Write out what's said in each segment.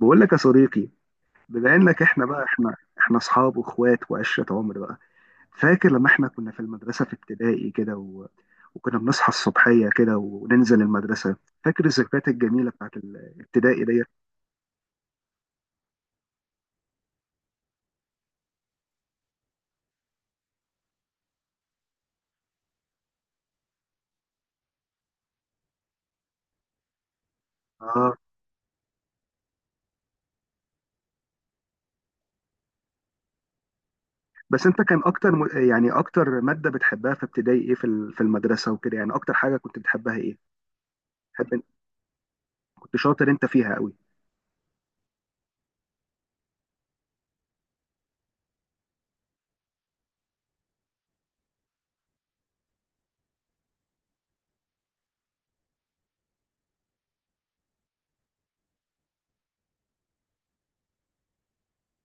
بقول لك يا صديقي، بما انك احنا بقى احنا احنا اصحاب واخوات وعشره عمر بقى. فاكر لما احنا كنا في المدرسه في ابتدائي كده وكنا بنصحى الصبحيه كده وننزل المدرسه؟ فاكر الذكريات الجميله بتاعت الابتدائي ديت؟ اه. بس انت كان اكتر يعني اكتر ماده بتحبها في ابتدائي ايه، في المدرسه وكده؟ يعني اكتر حاجه كنت بتحبها ايه؟ تحب؟ كنت شاطر انت فيها قوي.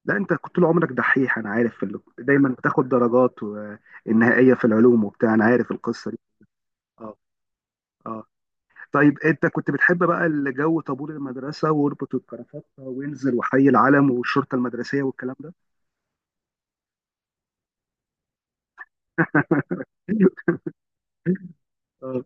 لا انت كنت طول عمرك دحيح، انا عارف دايما بتاخد درجات النهائيه في العلوم وبتاع، انا عارف القصه دي. اه. اه. طيب انت كنت بتحب بقى الجو، طابور المدرسه واربط الكرافات وانزل وحي العلم والشرطه المدرسيه والكلام ده؟ آه.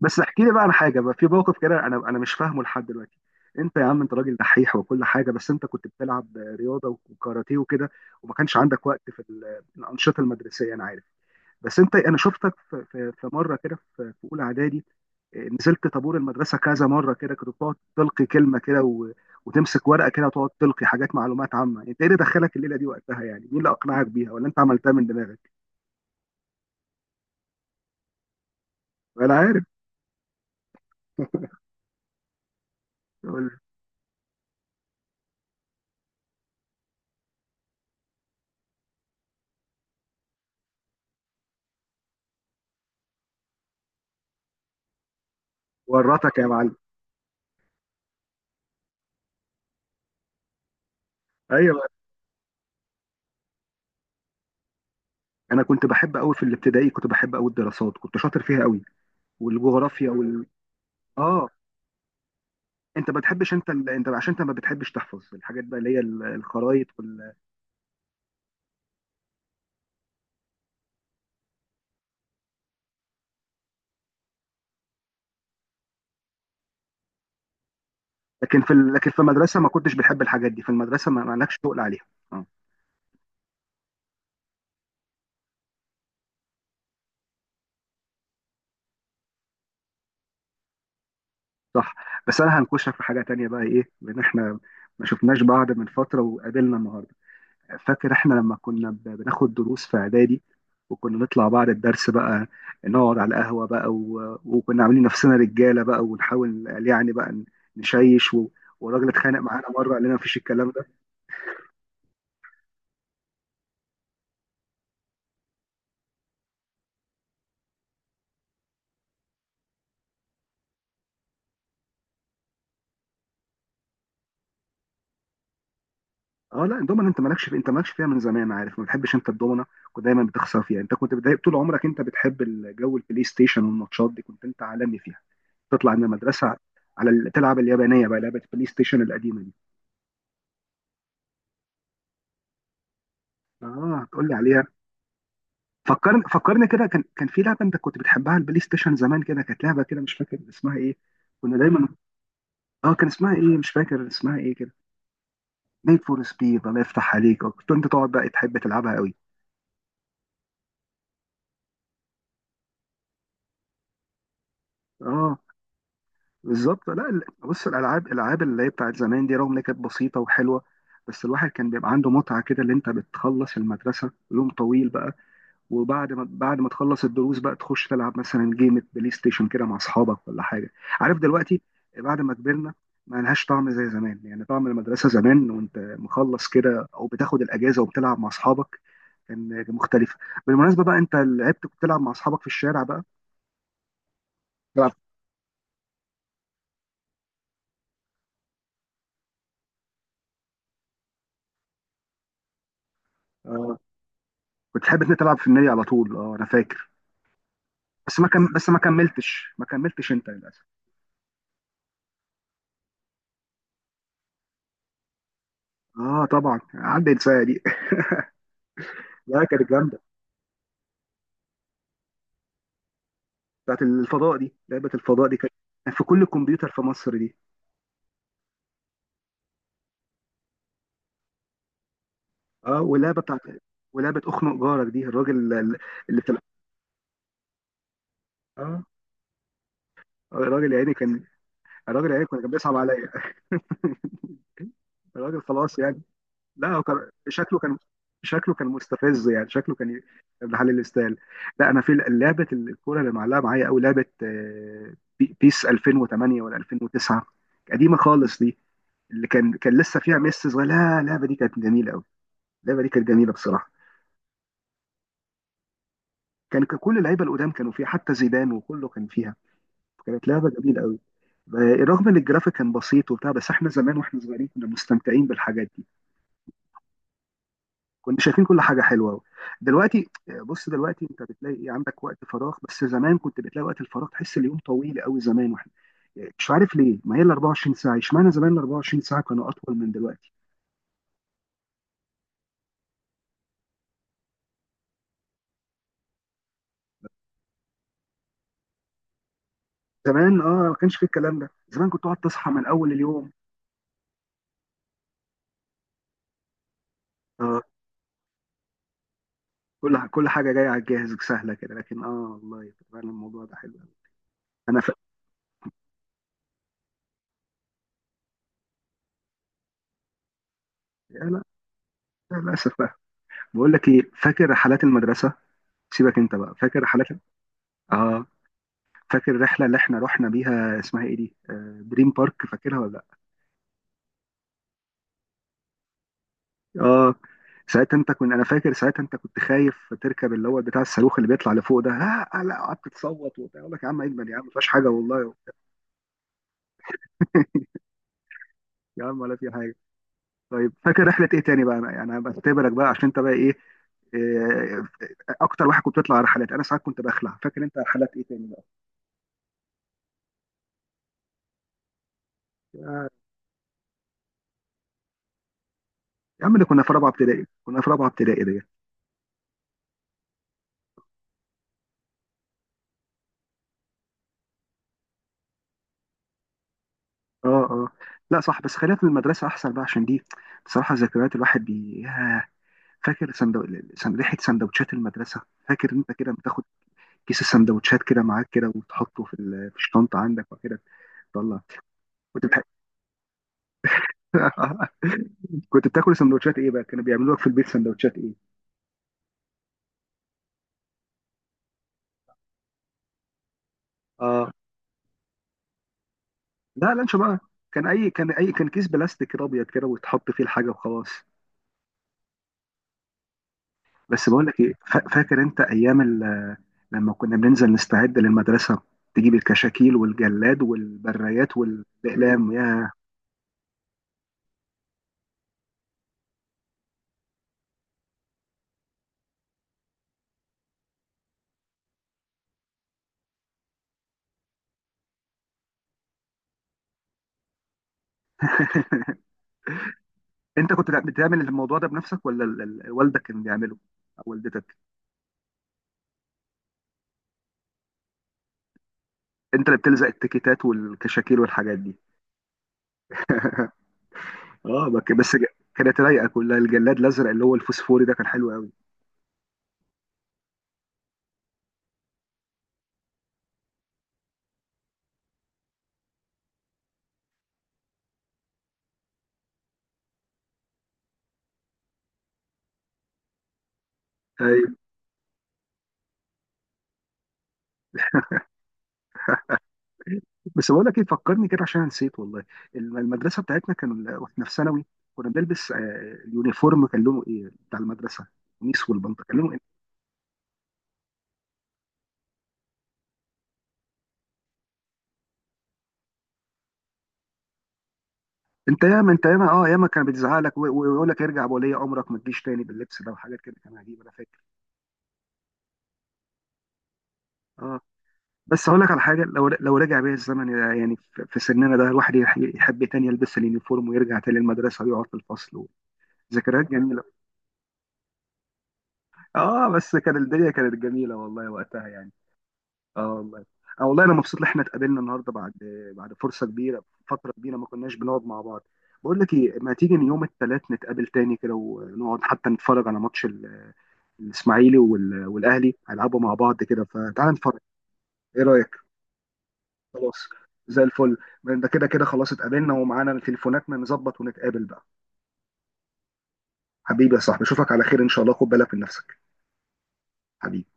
بس احكي لي بقى عن حاجه بقى، في موقف كده انا مش فاهمه لحد دلوقتي. انت يا عم، انت راجل دحيح وكل حاجه، بس انت كنت بتلعب رياضه وكاراتيه وكده، وما كانش عندك وقت الانشطه المدرسيه، انا عارف. بس انت، انا شفتك في مره كده، في اولى اعدادي، آه، نزلت طابور المدرسه كذا مره كده، كنت بتقعد تلقي كلمه كده وتمسك ورقه كده وتقعد تلقي حاجات معلومات عامه. يعني انت ايه اللي دخلك الليله دي وقتها؟ يعني مين اللي اقنعك بيها ولا انت عملتها من دماغك؟ ولا عارف. ورطك يا معلم. ايوه، انا كنت بحب قوي في الابتدائي، كنت بحب قوي الدراسات، كنت شاطر فيها قوي، والجغرافيا وال. اه، انت ما بتحبش، انت عشان انت ما بتحبش تحفظ الحاجات بقى، اللي هي الخرايط. لكن في المدرسه ما كنتش بنحب الحاجات دي، في المدرسه ما لكش تقل عليها. اه. صح. بس انا هنكشك في حاجه تانية بقى ايه، لان احنا ما شفناش بعض من فتره وقابلنا النهارده. فاكر احنا لما كنا بناخد دروس في اعدادي، وكنا نطلع بعد الدرس بقى نقعد على القهوه بقى وكنا عاملين نفسنا رجاله بقى ونحاول يعني بقى نشيش والراجل اتخانق معانا مره قال لنا مفيش الكلام. اه. لا الدومنه، انت انت مالكش فيها من زمان، عارف، ما بتحبش انت الدومنه، كنت دايما بتخسر فيها، انت كنت بتضايق طول عمرك. انت بتحب الجو البلاي ستيشن والماتشات دي، كنت انت عالمي فيها. تطلع من المدرسه على تلعب اليابانيه بقى، لعبه البلاي ستيشن القديمه دي. اه، تقول لي عليها. فكرني كده، كان في لعبه انت كنت بتحبها على البلاي ستيشن زمان كده، كانت لعبه كده، مش فاكر اسمها ايه، كنا دايما. اه، كان اسمها ايه؟ مش فاكر اسمها ايه كده. نيد فور سبيد. الله يفتح عليك، آه، كنت انت تقعد بقى تحب تلعبها قوي. اه. بالظبط. لا بص الالعاب، الالعاب اللي هي بتاعت زمان دي، رغم ان هي كانت بسيطه وحلوه، بس الواحد كان بيبقى عنده متعه كده، اللي انت بتخلص المدرسه يوم طويل بقى، وبعد ما بعد ما تخلص الدروس بقى تخش تلعب مثلا جيمة بلاي ستيشن كده مع اصحابك ولا حاجه، عارف دلوقتي. بعد ما كبرنا ما لهاش طعم زي زمان، يعني طعم المدرسه زمان وانت مخلص كده او بتاخد الاجازه وبتلعب مع اصحابك كان مختلفه. بالمناسبه بقى، انت كنت بتلعب مع اصحابك في الشارع بقى؟ بتلعب؟ آه، كنت تحب انت تلعب في النادي على طول، اه انا فاكر. بس ما كملتش انت للاسف. اه طبعا، عدى انسان دي. لا كانت جامده، بتاعت الفضاء دي، لعبه الفضاء دي كانت يعني في كل كمبيوتر في مصر دي. اه، واللعبه بتاعت ولعبه اخنق جارك دي، الراجل اللي اللي بتلعب. اه. آه، الراجل يا عيني كان، الراجل يا عيني كان، كان بيصعب عليا. الراجل خلاص يعني. لا هو كان شكله كان، شكله كان مستفز، يعني شكله كان محل الاستال. لا انا في لعبه الكوره اللي معلقه معايا قوي، لعبه آه، بيس 2008 ولا 2009، قديمه خالص دي، اللي كان لسه فيها ميسي صغير. لا اللعبه دي كانت جميله قوي، اللعبه دي كانت جميله بصراحه. كان كل اللعيبه القدام كانوا فيها، حتى زيدان وكله كان فيها. كانت لعبه جميله قوي. آه، رغم ان الجرافيك كان بسيط وبتاع، بس احنا زمان واحنا صغيرين كنا مستمتعين بالحاجات دي. كنا شايفين كل حاجه حلوه أوي. دلوقتي، بص دلوقتي انت بتلاقي ايه؟ عندك وقت فراغ؟ بس زمان كنت بتلاقي وقت الفراغ، تحس اليوم طويل قوي زمان. واحنا مش عارف ليه، ما هي ال 24 ساعه، اشمعنى زمان ال 24 ساعه كانوا اطول من دلوقتي. زمان اه، ما كانش في الكلام ده، زمان كنت تقعد تصحى من اول اليوم. آه. كل حاجه جايه على الجاهز سهله كده، لكن اه، والله فعلا الموضوع ده حلو أوي. انا ف... يا لا، للاسف بقى. بقول لك ايه، فاكر رحلات المدرسه؟ سيبك انت بقى، فاكر رحلات. اه، فاكر الرحله اللي احنا رحنا بيها، اسمها ايه دي، آه، دريم بارك، فاكرها ولا لا؟ اه. ساعتها انت كنت، انا فاكر ساعتها انت كنت خايف تركب اللي هو بتاع الصاروخ اللي بيطلع لفوق ده، لا قعدت تصوت وبتاع، اقول لك يا عم اجمل، يا عم ما فيهاش حاجه والله. يا عم ولا في حاجه. طيب فاكر رحله ايه تاني بقى؟ انا يعني بختبرك بقى، عشان انت بقى ايه، إيه، اكتر واحد كنت بتطلع رحلات. انا ساعات كنت بخلع. فاكر انت رحلات ايه تاني بقى؟ يا عم اللي كنا في رابعه ابتدائي، كنا في رابعه ابتدائي دي. اه. اه. لا صح، بس خلينا في المدرسه احسن بقى، عشان دي بصراحه ذكريات الواحد بي ياه. فاكر سندو... سن... ريحه سندوتشات المدرسه؟ فاكر انت كده بتاخد كيس السندوتشات كده معاك كده وتحطه في الشنطه عندك وكده تطلع؟ كنت بتح... كنت بتاكل سندوتشات ايه بقى؟ كانوا بيعملوا لك في البيت سندوتشات ايه؟ اه. لا لانش بقى. كان اي، كان اي، كان كيس بلاستيك كده ابيض كده وتحط فيه الحاجه وخلاص. بس بقول لك ايه، فاكر انت ايام لما كنا بننزل نستعد للمدرسه؟ تجيب الكشاكيل والجلاد والبرايات والاقلام، يا. انت كنت بتعمل الموضوع ده بنفسك، ولا والدك كان بيعمله او والدتك؟ انت اللي بتلزق التيكيتات والكشاكيل والحاجات دي؟ اه. كانت رايقه كلها، الجلاد الازرق اللي هو الفوسفوري ده كان حلو قوي. بس بقول لك ايه، فكرني كده عشان نسيت والله، المدرسه بتاعتنا كان واحنا في ثانوي كنا بنلبس آه، اليونيفورم كان لونه ايه بتاع المدرسه؟ قميص والبنطلون كان لونه ايه؟ انت ياما، انت ياما كان بيتزعق لك ويقول لك ارجع بولي امرك ما تجيش تاني باللبس ده، وحاجات كده كان عجيب انا فاكر. اه. بس هقول لك على حاجه، لو رجع بيا الزمن يعني في سننا ده، الواحد يحب تاني يلبس اليونيفورم ويرجع تاني المدرسه ويقعد في الفصل، ذكريات جميله. اه، بس كان الدنيا كانت جميله والله وقتها يعني. اه والله. اه والله، انا مبسوط ان احنا اتقابلنا النهارده بعد، بعد فرصه كبيره، فتره كبيره ما كناش بنقعد مع بعض. بقول لك ايه، ما تيجي يوم الثلاث نتقابل تاني كده ونقعد حتى نتفرج على ماتش الاسماعيلي والاهلي هيلعبوا مع بعض كده، فتعال نتفرج. ايه رايك؟ خلاص، زي الفل. ده كده خلاص اتقابلنا، ومعانا التليفونات ما نظبط ونتقابل بقى. حبيبي يا صاحبي، اشوفك على خير ان شاء الله، خد بالك من نفسك. حبيبي.